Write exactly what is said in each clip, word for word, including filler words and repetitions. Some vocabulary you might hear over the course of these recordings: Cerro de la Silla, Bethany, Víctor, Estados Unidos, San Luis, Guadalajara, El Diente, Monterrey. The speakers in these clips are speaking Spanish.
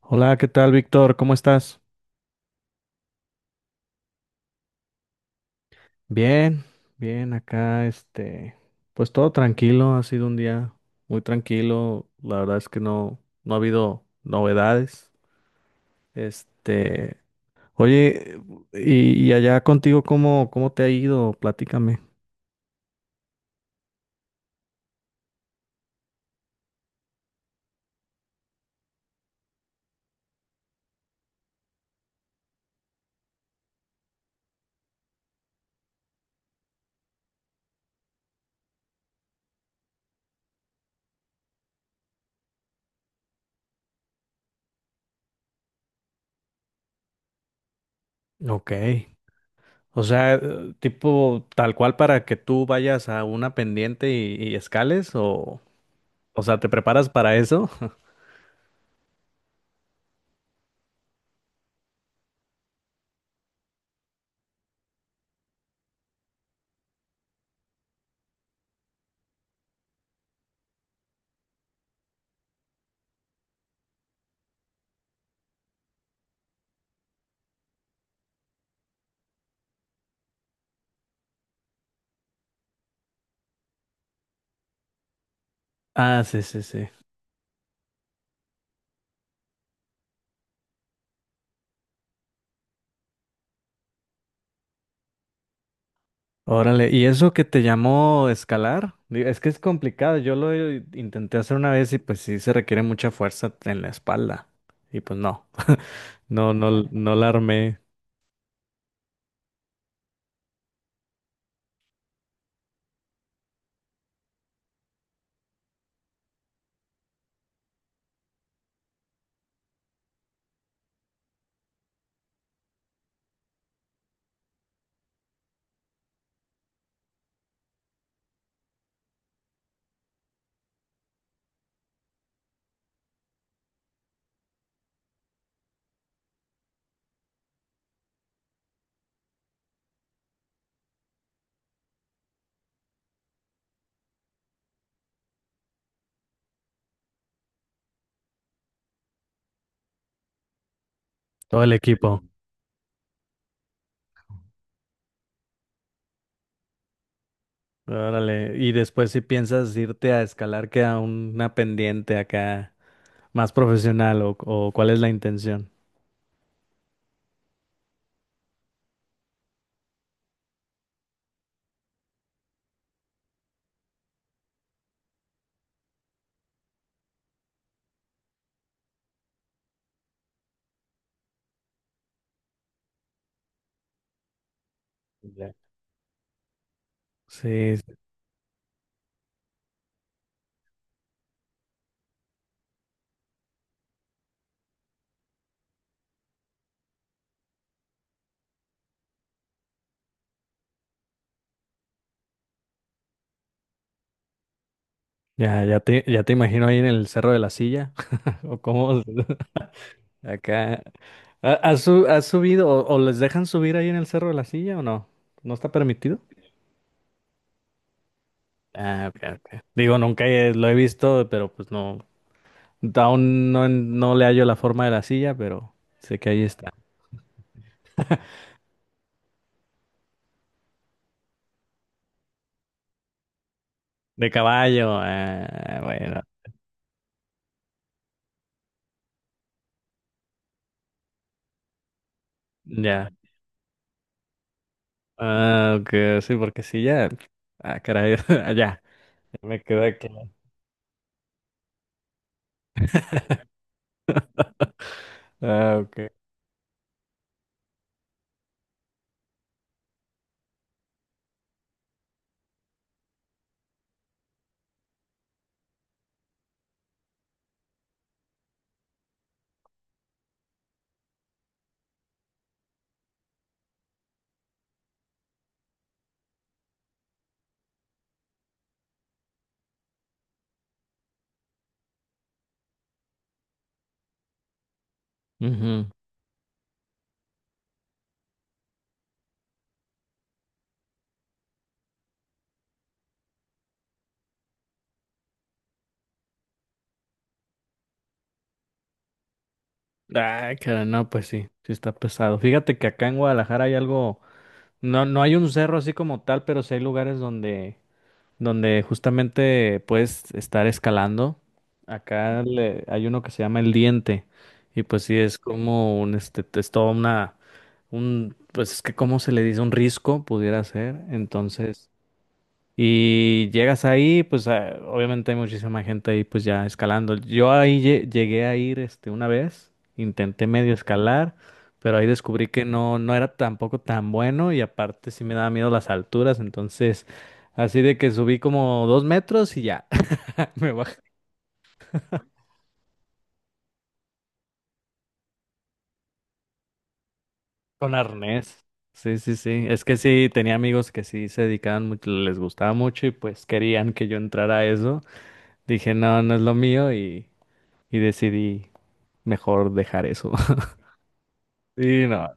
Hola, ¿qué tal, Víctor? ¿Cómo estás? Bien, bien, acá, este, pues todo tranquilo, ha sido un día muy tranquilo, la verdad es que no, no ha habido novedades. Este, Oye, y, y allá contigo, ¿cómo, cómo te ha ido? Platícame. Ok. O sea, eh, tipo tal cual para que tú vayas a una pendiente y, y escales, o, o sea, ¿te preparas para eso? Ah, sí, sí, sí. Órale, ¿y eso que te llamó escalar? Digo, es que es complicado, yo lo eh, intenté hacer una vez y pues sí se requiere mucha fuerza en la espalda. Y pues no, no, no, no la armé. Todo el equipo. Órale, y después si piensas irte a escalar que a una pendiente acá más profesional o, o cuál es la intención. Ya. Sí, sí. ya, ya te, ya te imagino ahí en el Cerro de la Silla o cómo. Acá. ¿Ha- ¿Has, su- has subido o, o les dejan subir ahí en el Cerro de la Silla o no? ¿No está permitido? Ah, ok, ok. Digo, nunca he- lo he visto, pero pues no. Aún no, no le hallo la forma de la silla, pero sé que ahí está. De caballo, ah, bueno, ya. Ah, ok, sí, porque sí, ya. Ah, caray, ya, ya me quedé claro. Ah, ok. Ujú. Ah, caray, no, pues sí, sí está pesado. Fíjate que acá en Guadalajara hay algo. No, no hay un cerro así como tal, pero sí hay lugares donde, donde justamente puedes estar escalando. Acá le- hay uno que se llama El Diente. Y pues sí, es como un, este, es toda una, un, pues es que cómo se le dice, un risco pudiera ser. Entonces, y llegas ahí, pues a- obviamente hay muchísima gente ahí pues ya escalando. Yo ahí lle- llegué a ir este una vez, intenté medio escalar, pero ahí descubrí que no, no era tampoco tan bueno y aparte sí me daba miedo las alturas, entonces así de que subí como dos metros y ya me bajé con arnés. Sí, sí, sí. Es que sí, tenía amigos que sí se dedicaban mucho, les gustaba mucho y pues querían que yo entrara a eso. Dije, no, no es lo mío y, y decidí mejor dejar eso. Sí, no.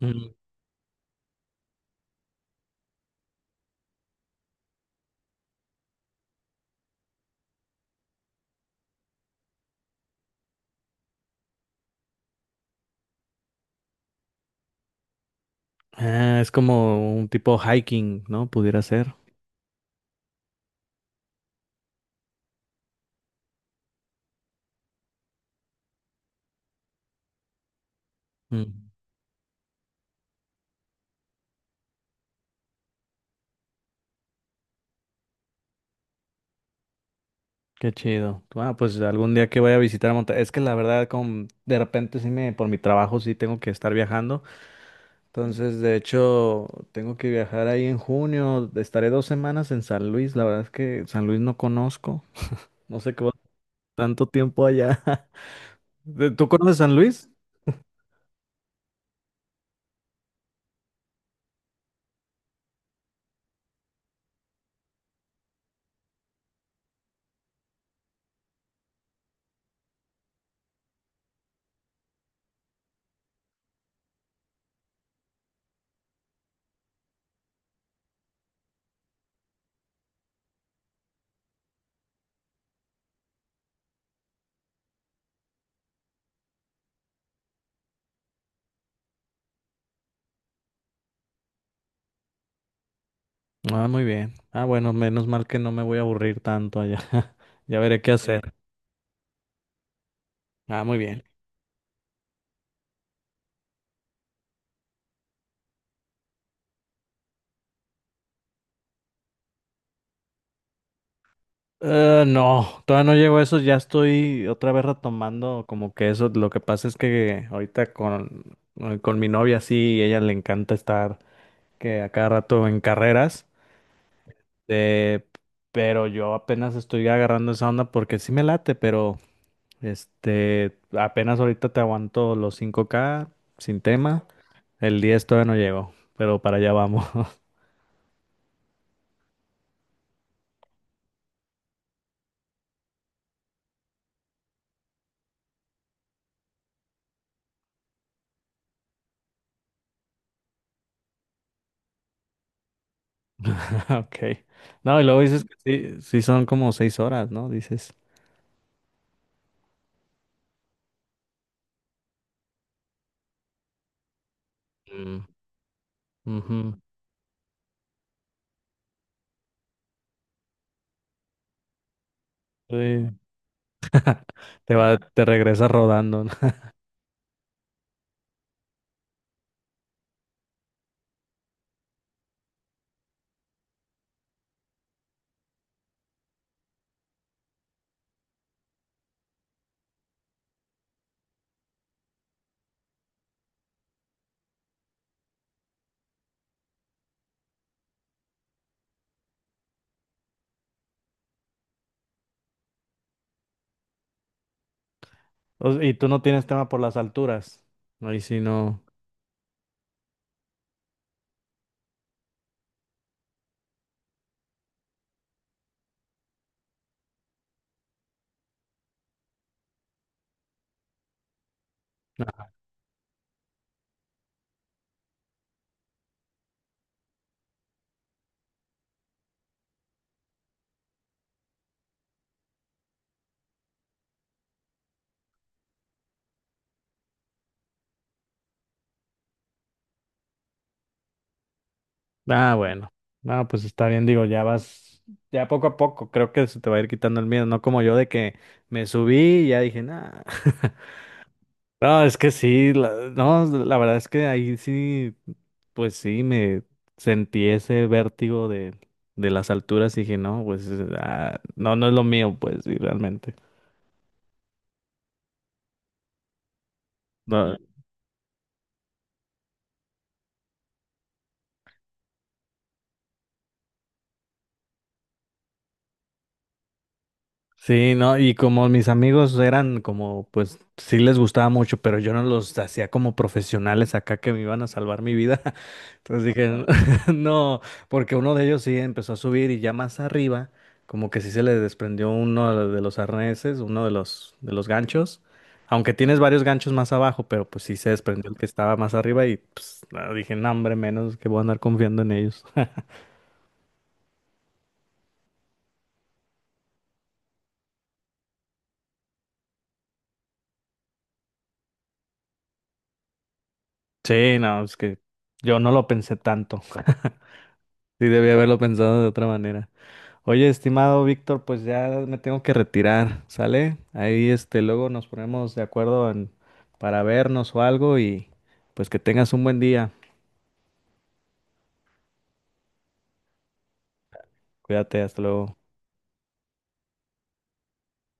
Mm. Ah, es como un tipo hiking, ¿no? Pudiera ser. Mm, qué chido. Ah, pues algún día que vaya a visitar Monterrey. Es que la verdad, con, de repente sí me, por mi trabajo sí tengo que estar viajando. Entonces, de hecho, tengo que viajar ahí en junio. Estaré dos semanas en San Luis. La verdad es que San Luis no conozco. No sé qué va tanto tiempo allá. ¿De- ¿Tú conoces San Luis? Ah, muy bien. Ah, bueno, menos mal que no me voy a aburrir tanto allá. Ya veré qué hacer. Ah, muy bien. Eh, no, todavía no llego a eso, ya estoy otra vez retomando como que eso, lo que pasa es que ahorita con, eh, con mi novia sí, ella le encanta estar que a cada rato en carreras, eh, pero yo apenas estoy agarrando esa onda porque sí me late, pero este, apenas ahorita te aguanto los cinco k sin tema, el diez todavía no llego, pero para allá vamos. Ok. No, y luego dices que sí, sí son como seis horas, ¿no? Dices. Mm. Ujú. Sí, te va, te regresas rodando, ¿no? O- Y tú no tienes tema por las alturas. Ahí sí no. No. Ah, bueno. No, pues está bien, digo, ya vas, ya poco a poco, creo que se te va a ir quitando el miedo, no como yo de que me subí y ya dije, nada. No, es que sí, la- no, la verdad es que ahí sí, pues sí, me sentí ese vértigo de, de las alturas y dije, no, pues ah, no, no es lo mío, pues sí, realmente. No. Sí, no, y como mis amigos eran como, pues sí les gustaba mucho, pero yo no los hacía como profesionales acá que me iban a salvar mi vida. Entonces dije, no, porque uno de ellos sí empezó a subir y ya más arriba, como que sí se le desprendió uno de los arneses, uno de los, de los ganchos. Aunque tienes varios ganchos más abajo, pero pues sí se desprendió el que estaba más arriba y pues, no, dije, no, hombre, menos que voy a andar confiando en ellos. Sí, no, es que yo no lo pensé tanto. Sí, debí haberlo pensado de otra manera. Oye, estimado Víctor, pues ya me tengo que retirar, ¿sale? Ahí este, luego nos ponemos de acuerdo en- para vernos o algo y pues que tengas un buen día. Cuídate, hasta luego.